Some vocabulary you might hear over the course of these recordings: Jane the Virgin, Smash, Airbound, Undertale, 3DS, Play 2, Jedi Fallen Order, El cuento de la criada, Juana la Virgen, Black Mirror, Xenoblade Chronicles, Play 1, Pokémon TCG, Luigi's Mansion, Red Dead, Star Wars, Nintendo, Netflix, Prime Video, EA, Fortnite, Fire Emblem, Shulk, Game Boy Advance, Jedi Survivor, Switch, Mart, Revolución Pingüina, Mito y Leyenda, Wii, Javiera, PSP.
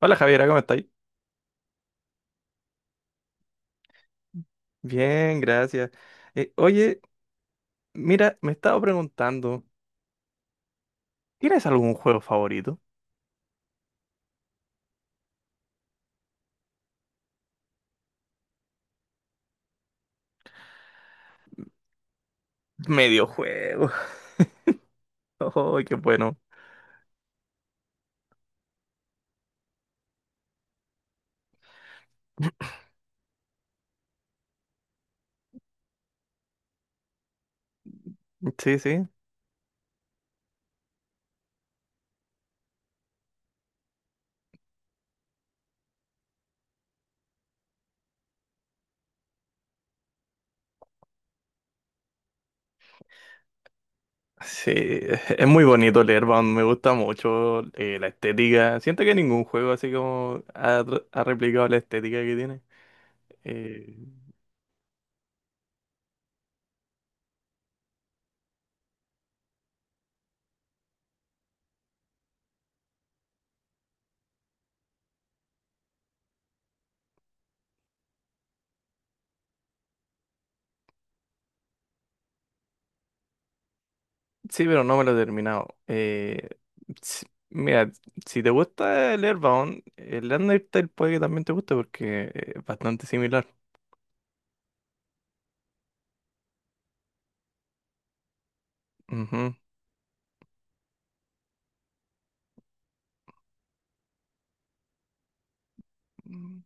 Hola Javiera, ¿cómo estáis? Bien, gracias. Eh, oye, mira, me estaba preguntando, ¿tienes algún juego favorito? Mediojuego. Oh, qué bueno. Sí, sí. Sí, es muy bonito leer, Bound, me gusta mucho la estética. Siento que ningún juego así como ha replicado la estética que tiene. Eh, sí, pero no me lo he terminado. Mira, si te gusta el Airbound, el Undertale puede que también te guste porque es bastante similar. Ujú. Mm.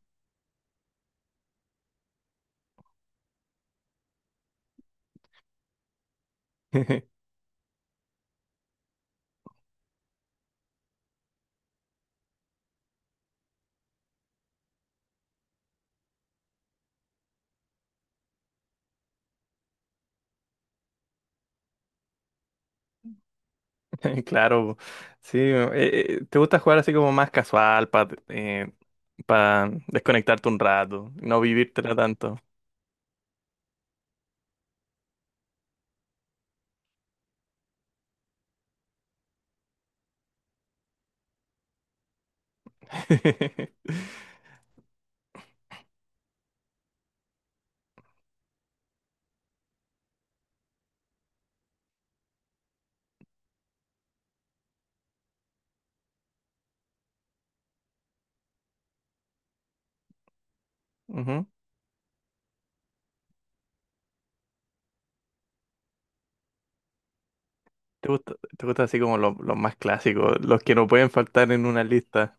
Claro, sí. ¿Te gusta jugar así como más casual para desconectarte un rato, no vivírtela tanto? Ujú. Te gusta así como los más clásicos, los que no pueden faltar en una lista?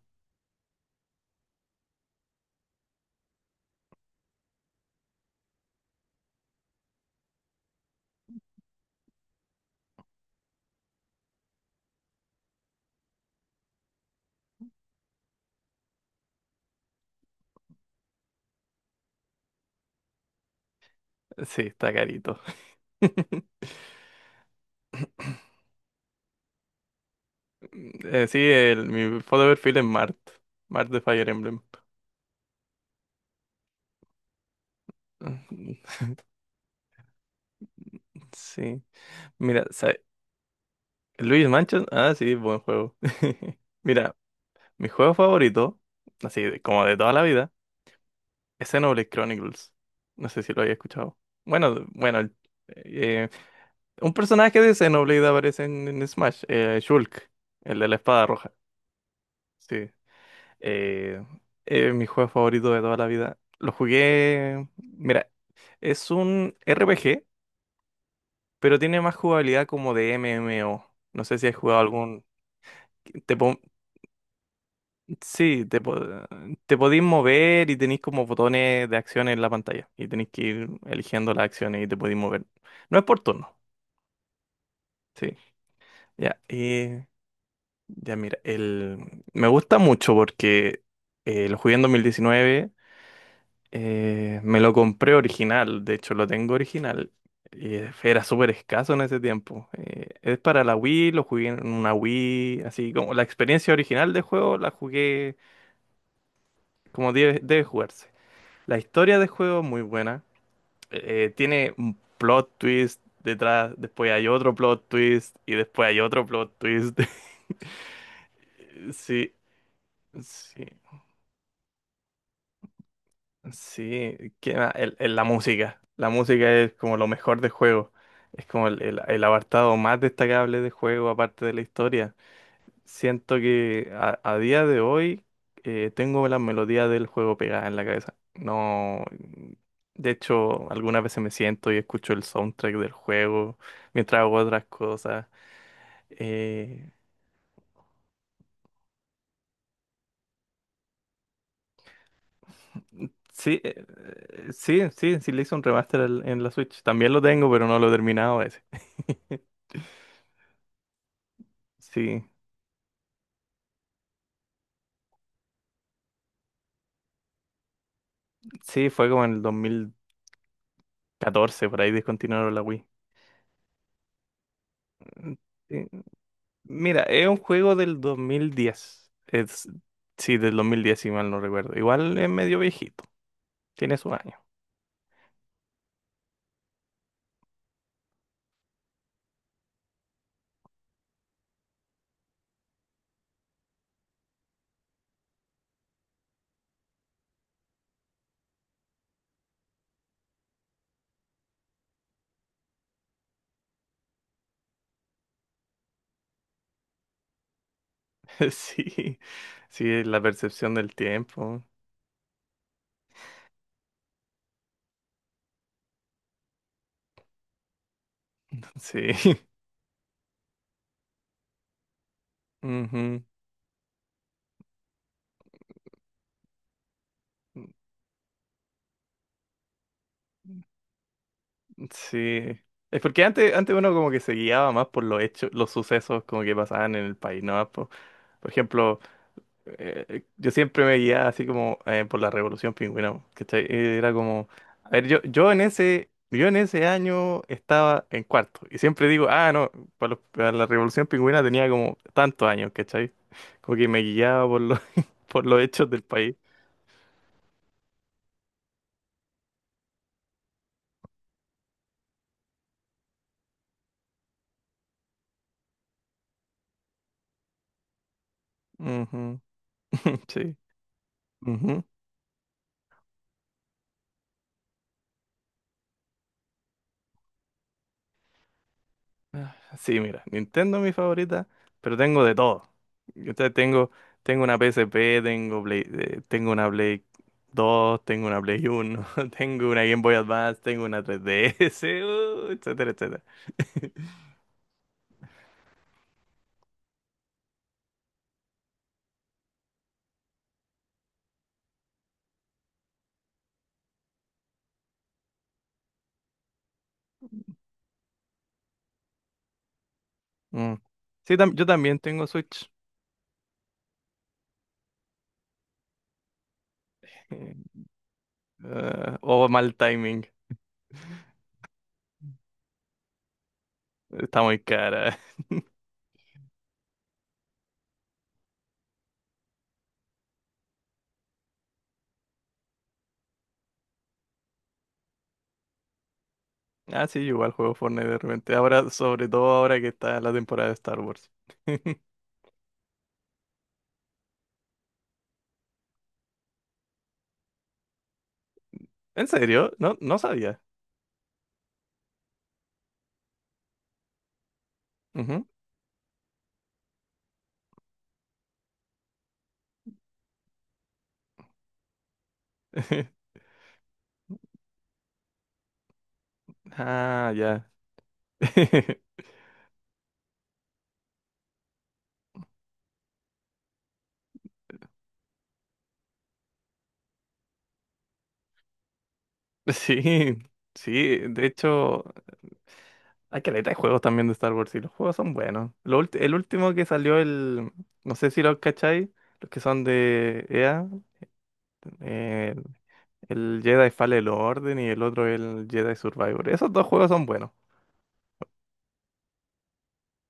Sí, está carito. Sí, mi foto de perfil es Mart, Mart de Fire Emblem. Sí, mira, Luis Mansion, ah, sí, buen juego. Mira, mi juego favorito, como de toda la vida, es Xenoblade Chronicles. No sé si lo había escuchado. Bueno, bueno, eh, un personaje de Xenoblade aparece en Smash, Shulk, el de la espada roja. Sí. Eh, mi juego favorito de toda la vida. Lo jugué. Mira, es un RPG, pero tiene más jugabilidad como de MMO. No sé si has jugado algún. Te pon- Sí, te podís mover y tenéis como botones de acción en la pantalla. Y tenéis que ir eligiendo las acciones y te podéis mover. No es por turno. Sí. Ya, eh, ya mira, el... me gusta mucho porque lo jugué en 2019. Me lo compré original. De hecho, lo tengo original. Y era súper escaso en ese tiempo. Es para la Wii, lo jugué en una Wii. Así como la experiencia original del juego la jugué como debe jugarse. La historia del juego es muy buena. Tiene un plot twist detrás, después hay otro plot twist y después hay otro plot twist. Sí, sí, sí. ¿Qué más? La música. La música es como lo mejor del juego. Es como el apartado más destacable del juego, aparte de la historia. Siento que a día de hoy tengo la melodía del juego pegada en la cabeza. No, de hecho, algunas veces me siento y escucho el soundtrack del juego mientras hago otras cosas. Eh, sí, sí, sí, sí le hice un remaster en la Switch. También lo tengo, pero no lo he terminado ese. Sí, sí, fue como en el 2014 por ahí descontinuaron la Wii. Mm, sí. Mira, es un juego del 2010. Es, sí, del 2010 si mal no recuerdo. Igual es medio viejito. Tiene su año. Sí, sí, la percepción del tiempo. Sí. Ujú. Sí. Es porque antes, antes uno como que se guiaba más por los hechos, los sucesos como que pasaban en el país, ¿no? Por ejemplo, yo siempre me guiaba así como por la Revolución Pingüina, po, ¿cachai? Era como, a ver, yo en ese año estaba en cuarto y siempre digo, ah, no, para, para la Revolución Pingüina tenía como tantos años, ¿cachai? Como que me guiaba por los, por los hechos del país. Ujú, sí. Ah, sí, mira, Nintendo es mi favorita, pero tengo de todo. Entonces tengo, tengo una PSP, tengo una Play 2, tengo una Play 1, tengo una Game Boy Advance, tengo una 3DS, etcétera, etcétera. Mm. Sí, yo también tengo Switch. Eh, o mal timing, está muy cara. Ah, sí, igual juego Fortnite de repente. Ahora, sobre todo ahora que está la temporada de Star Wars. ¿En serio? No, no sabía. Ujú. Ah, ya. Sí, sí, de hecho, hay caleta de juegos también de Star Wars y los juegos son buenos. El último que salió, el, no sé si lo cacháis, los que son de EA, eh, el Jedi Fallen Order y el otro el Jedi Survivor. Esos dos juegos son buenos.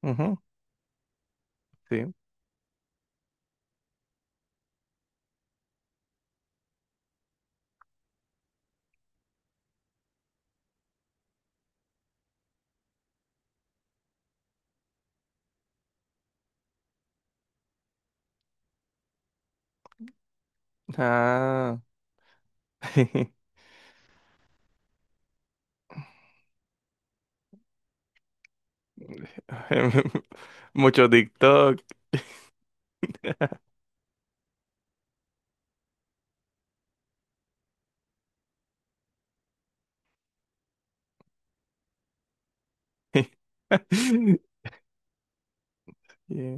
Ujú, sí. Ah, mucho TikTok. Yeah.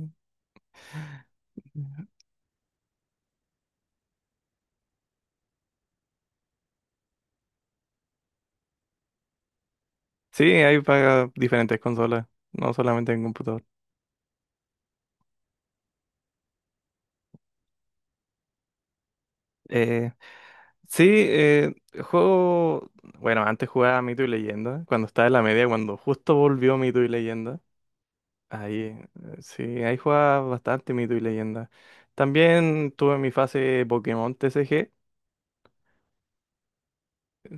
Sí, hay para diferentes consolas, no solamente en computador. Eh, Sí, juego. Bueno, antes jugaba Mito y Leyenda, cuando estaba en la media, cuando justo volvió Mito y Leyenda. Ahí, sí, ahí jugaba bastante Mito y Leyenda. También tuve mi fase Pokémon TCG.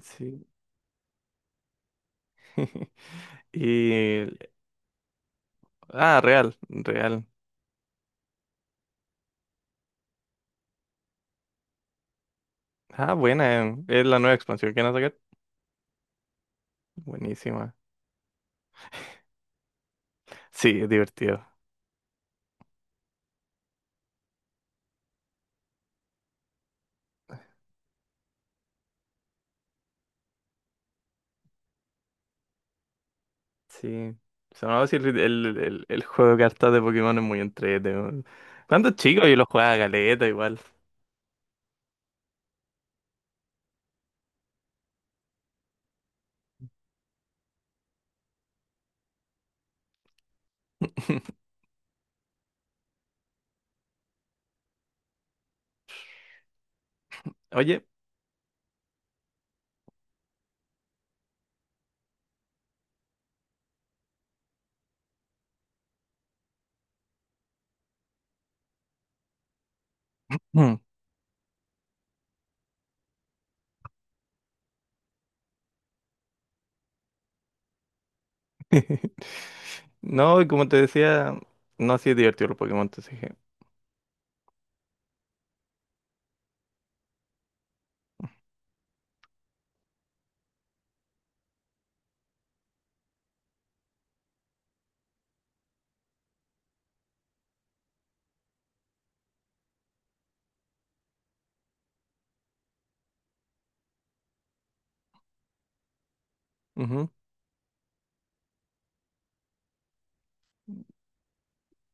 Sí. Y. Ah, real, real. Ah, buena, es la nueva expansión que van a sacar. Buenísima. Sí, es divertido. Sí. Se me va a decir, el juego de cartas de Pokémon es muy entretenido. Cuando chico yo lo jugaba a galeta igual. Oye, mm. No, y como te decía, no, así es divertido los Pokémon, te dije. Ujú.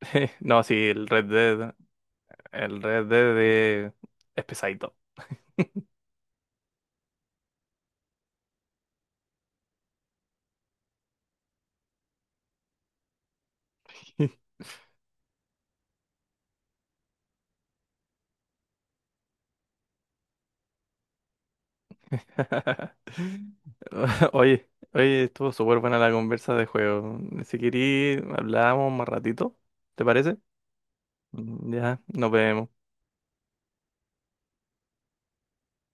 No, sí, el Red Dead es pesadito. Oye, oye, estuvo súper buena la conversa de juego. Si querís, hablamos más ratito, ¿te parece? Ya, nos vemos.